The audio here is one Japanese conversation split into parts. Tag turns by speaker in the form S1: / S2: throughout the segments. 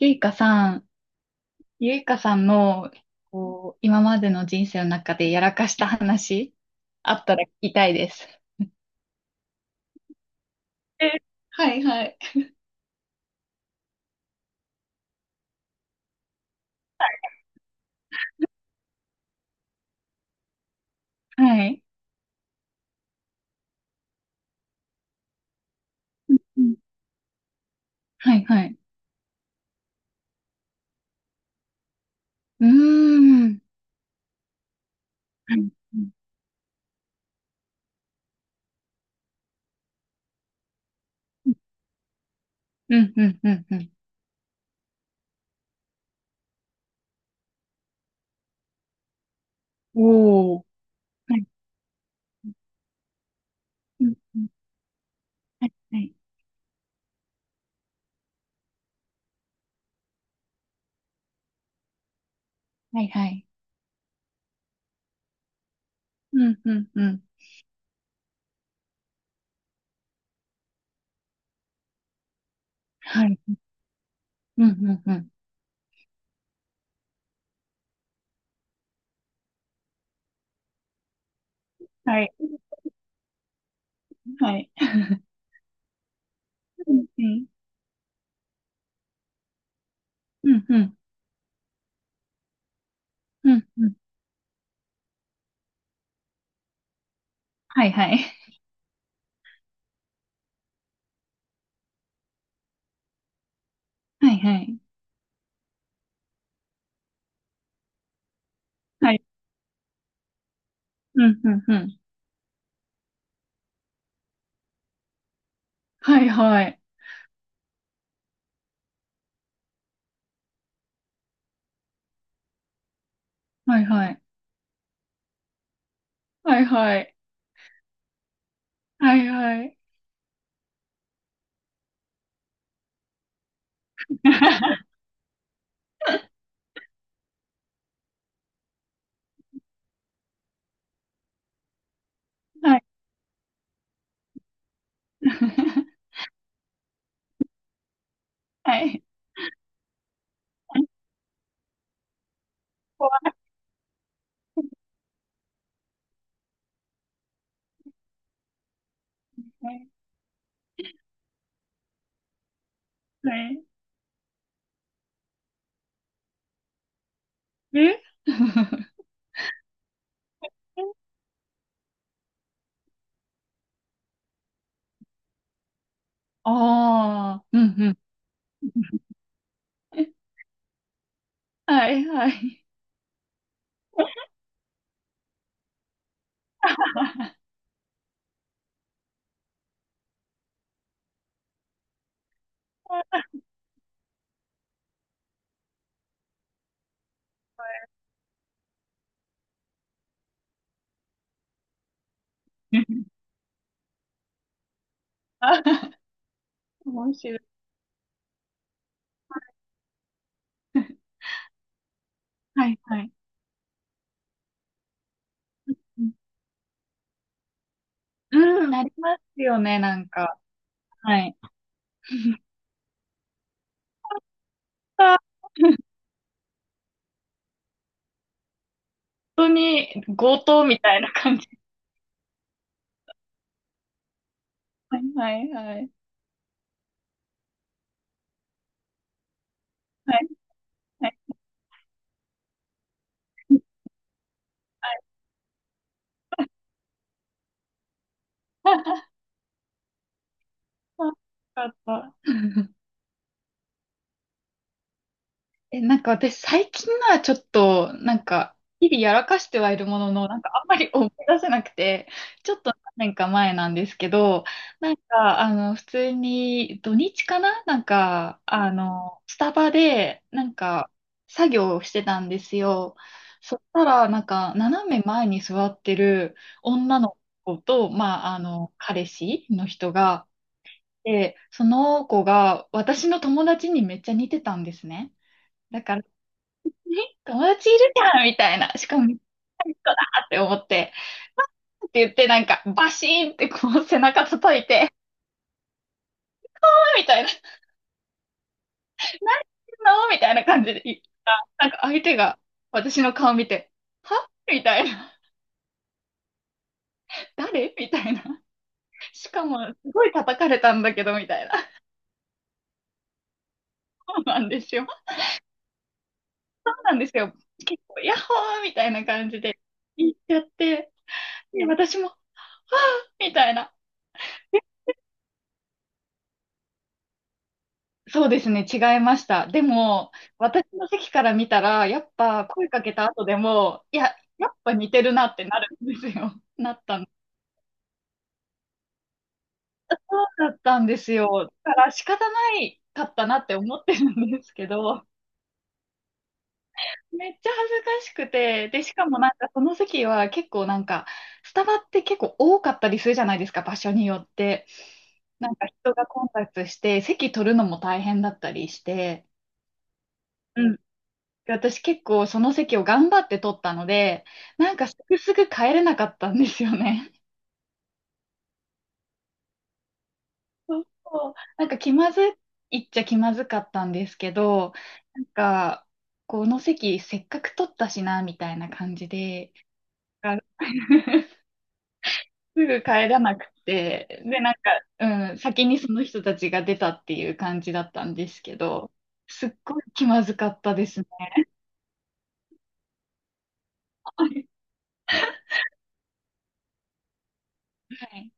S1: ゆいかさん、ゆいかさんの、こう、今までの人生の中でやらかした話、あったら聞きたいです。え、はいはい。はい。うん、はいはい。うーん。はい。うん、うん、うん、うん。おー。はい。うん、うん。はい、はい。はい、はい。うん、うん、うん。はい。うん、うん、うん。はい。はい。うんうん、うん、うん、うん。はい、はい。はい、はい。はい。うん、うん、うん。はい、はい。はい、はい。はいはい。はいはい。はい。はい。怖い。はい。え。 ああー、うんうん。はいはい。面白い。はい、え、ああ、うんうん、はいはい。うん、うんなりますよね、なんか。はい。あ、本当に強盗みたいな感じ。はいはいはい。はいはい。はい。あ、よかった。え、なんか私最近のはちょっと、なんか、日々やらかしてはいるものの、なんかあんまり思い出せなくて、ちょっと何年か前なんですけど、なんか、あの、普通に土日かな、なんか、あの、スタバで、なんか、作業をしてたんですよ。そしたら、なんか、斜め前に座ってる女の子と、まあ、あの、彼氏の人が、で、その子が私の友達にめっちゃ似てたんですね。だから友達いるじゃんみたいな。しかも、あって思って、って言ってなんか、バシーンってこう背中叩いて、あみたいな、何してんのみたいな感じで言ったら、なんか相手が私の顔見て、はみたいな。誰みたいな。しかも、すごい叩かれたんだけど、みたいな。そうなんですよ。そうなんですよ。結構、ヤッホーみたいな感じで言っちゃって、で、私も、みたいな。そうですね、違いました。でも、私の席から見たら、やっぱ声かけた後でも、いや、やっぱ似てるなってなるんですよ。なったの。だったんですよ。だから仕方ないかったなって思ってるんですけど、めっちゃ恥ずかしくて、で、しかもなんかその席は結構なんか、スタバって結構多かったりするじゃないですか、場所によって。なんか人が混雑して、席取るのも大変だったりして、うん、私結構その席を頑張って取ったので、なんかすぐすぐ帰れなかったんですよね。そうそう、なんか気まずいっちゃ気まずかったんですけど、なんか、この席せっかく取ったしな、みたいな感じで、あ。 すぐ帰らなくて、で、なんか、うん、先にその人たちが出たっていう感じだったんですけど、すっごい気まずかったですね。はい。はい、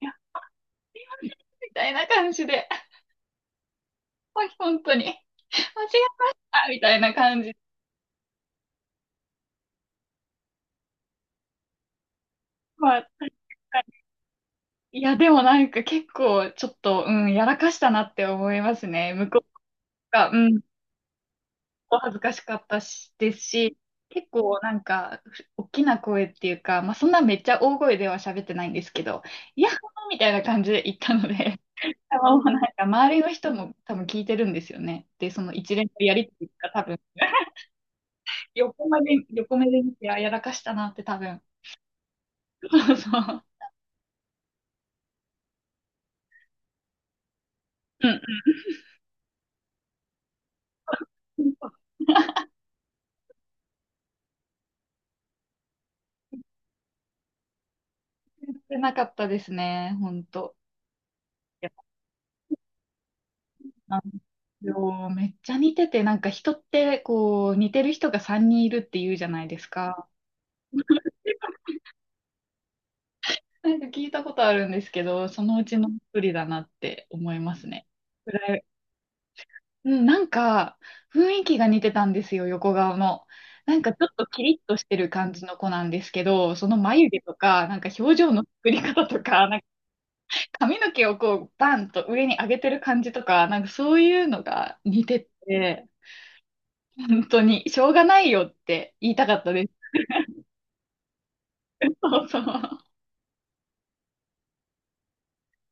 S1: いやみたいな感じで。はい、本当に。間違えましたみたいな感じ。まあ、いや、でもなんか結構ちょっと、うん、やらかしたなって思いますね。向こうが、うん、恥ずかしかったし、ですし、結構なんか、大きな声っていうか、まあそんなめっちゃ大声では喋ってないんですけど、いや、みたいな感じで言ったので、もうなんか周りの人も多分聞いてるんですよね。で、その一連のやりとりが多分、横目で、横目で見て、あ、やらかしたなって多分。そうそう。うん、てなかったですね、ほんと。いや、あのめっちゃ似てて、なんか人ってこう似てる人が3人いるって言うじゃないですか。なんか聞いたことあるんですけど、そのうちの一人だなって思いますね。ぐらい。うん、なんか雰囲気が似てたんですよ、横顔の。なんかちょっとキリッとしてる感じの子なんですけど、その眉毛とか、なんか表情の作り方とか、なん髪の毛をこう、バンと上に上げてる感じとか、なんかそういうのが似てて、本当に、しょうがないよって言いたかったです。そうそう。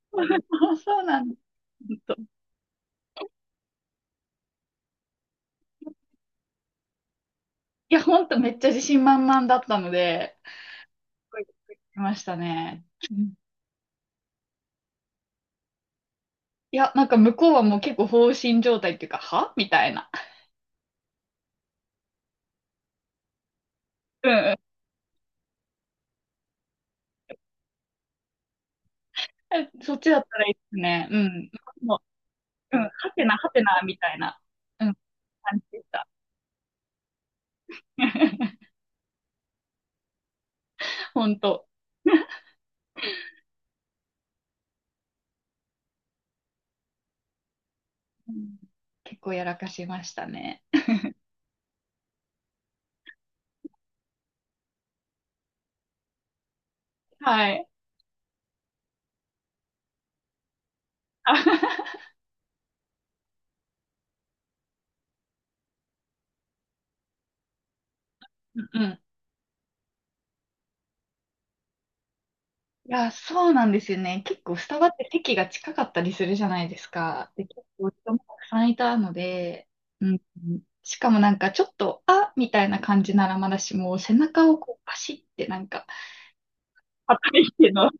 S1: そうそうなんです。本当、いや、本当めっちゃ自信満々だったので、すごいびっくりしましたね。うん、いや、なんか向こうはもう結構放心状態っていうか、はみたいな。うんうん。え、そっちだったらいいですね。うん。もう、うん、はてなはてな、みたいな、うん、感じでした。本当。うん、結構やらかしましたね。はい。あ。 うんうん。いや、そうなんですよね。結構スタバって席が近かったりするじゃないですか。で、結構人もたくさんいたので、うん。しかもなんかちょっと、あみたいな感じならまだしも、背中をこうパシってなんか、働いての。っ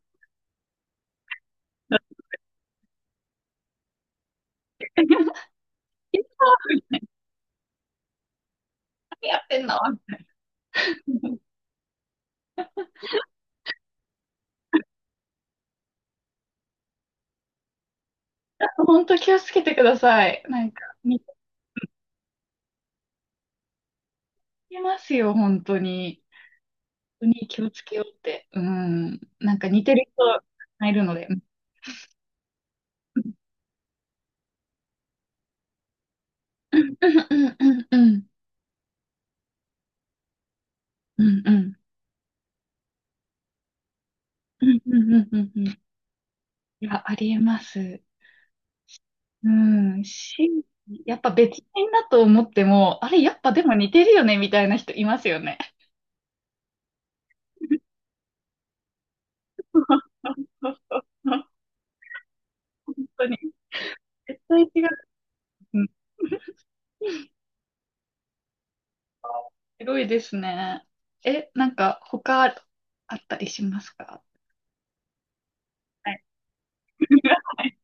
S1: てたいな、何やってんの。 本当気をつけてください。なんか、見つけますよ、本当に。当に気をつけようって。うん。なんか似てる人がいるので。うんうんうんうんうんうんうんうんうんうん、うん、いや、ありえます。うん。し、やっぱ別人だと思っても、あれ、やっぱでも似てるよね、みたいな人いますよね。そうそうそう、本当に。絶対違う。うん。広いですね。え、なんか他あったりしますか？はい。はい、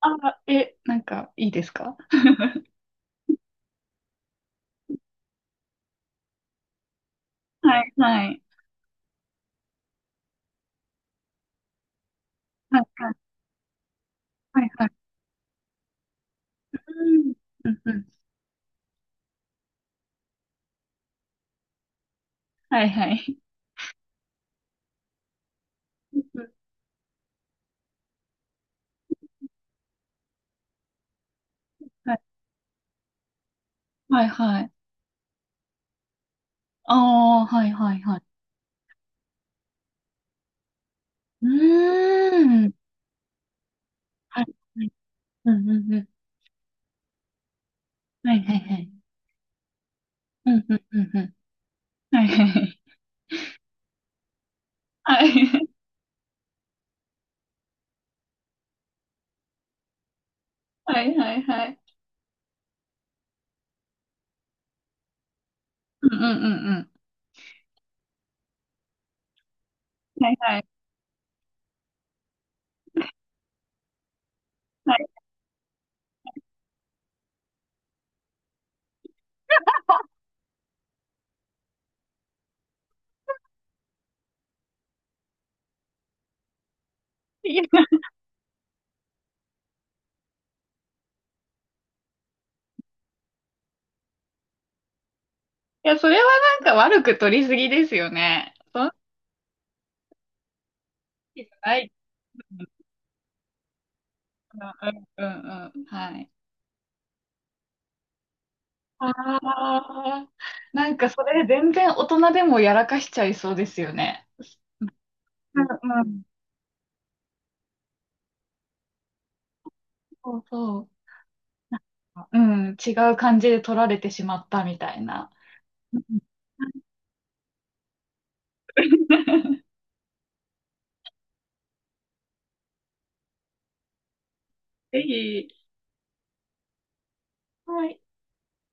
S1: あ、え、なんかいいですか？はい、はい。はい、はい、はい、はい。うん。うん、うん。はい、はい。うん、はい、はい、はい。ああ、はい、はい、はい。うーん。はい、はい。うん、うん、うん。はい、はい、はい。うん、うん、うん、うん。はい、はい、はい。はい、はい、はい、はい。うん、うん、うん、うん。はい、はい、はい。いや、それはなんか悪く取りすぎですよね。そんなことない。うん、うん、うん、うん。はい。ああ、なんかそれ全然大人でもやらかしちゃいそうですよね。うんうん。そうそう。うん、違う感じで取られてしまったみたいな。うん。 ぜひ。はい。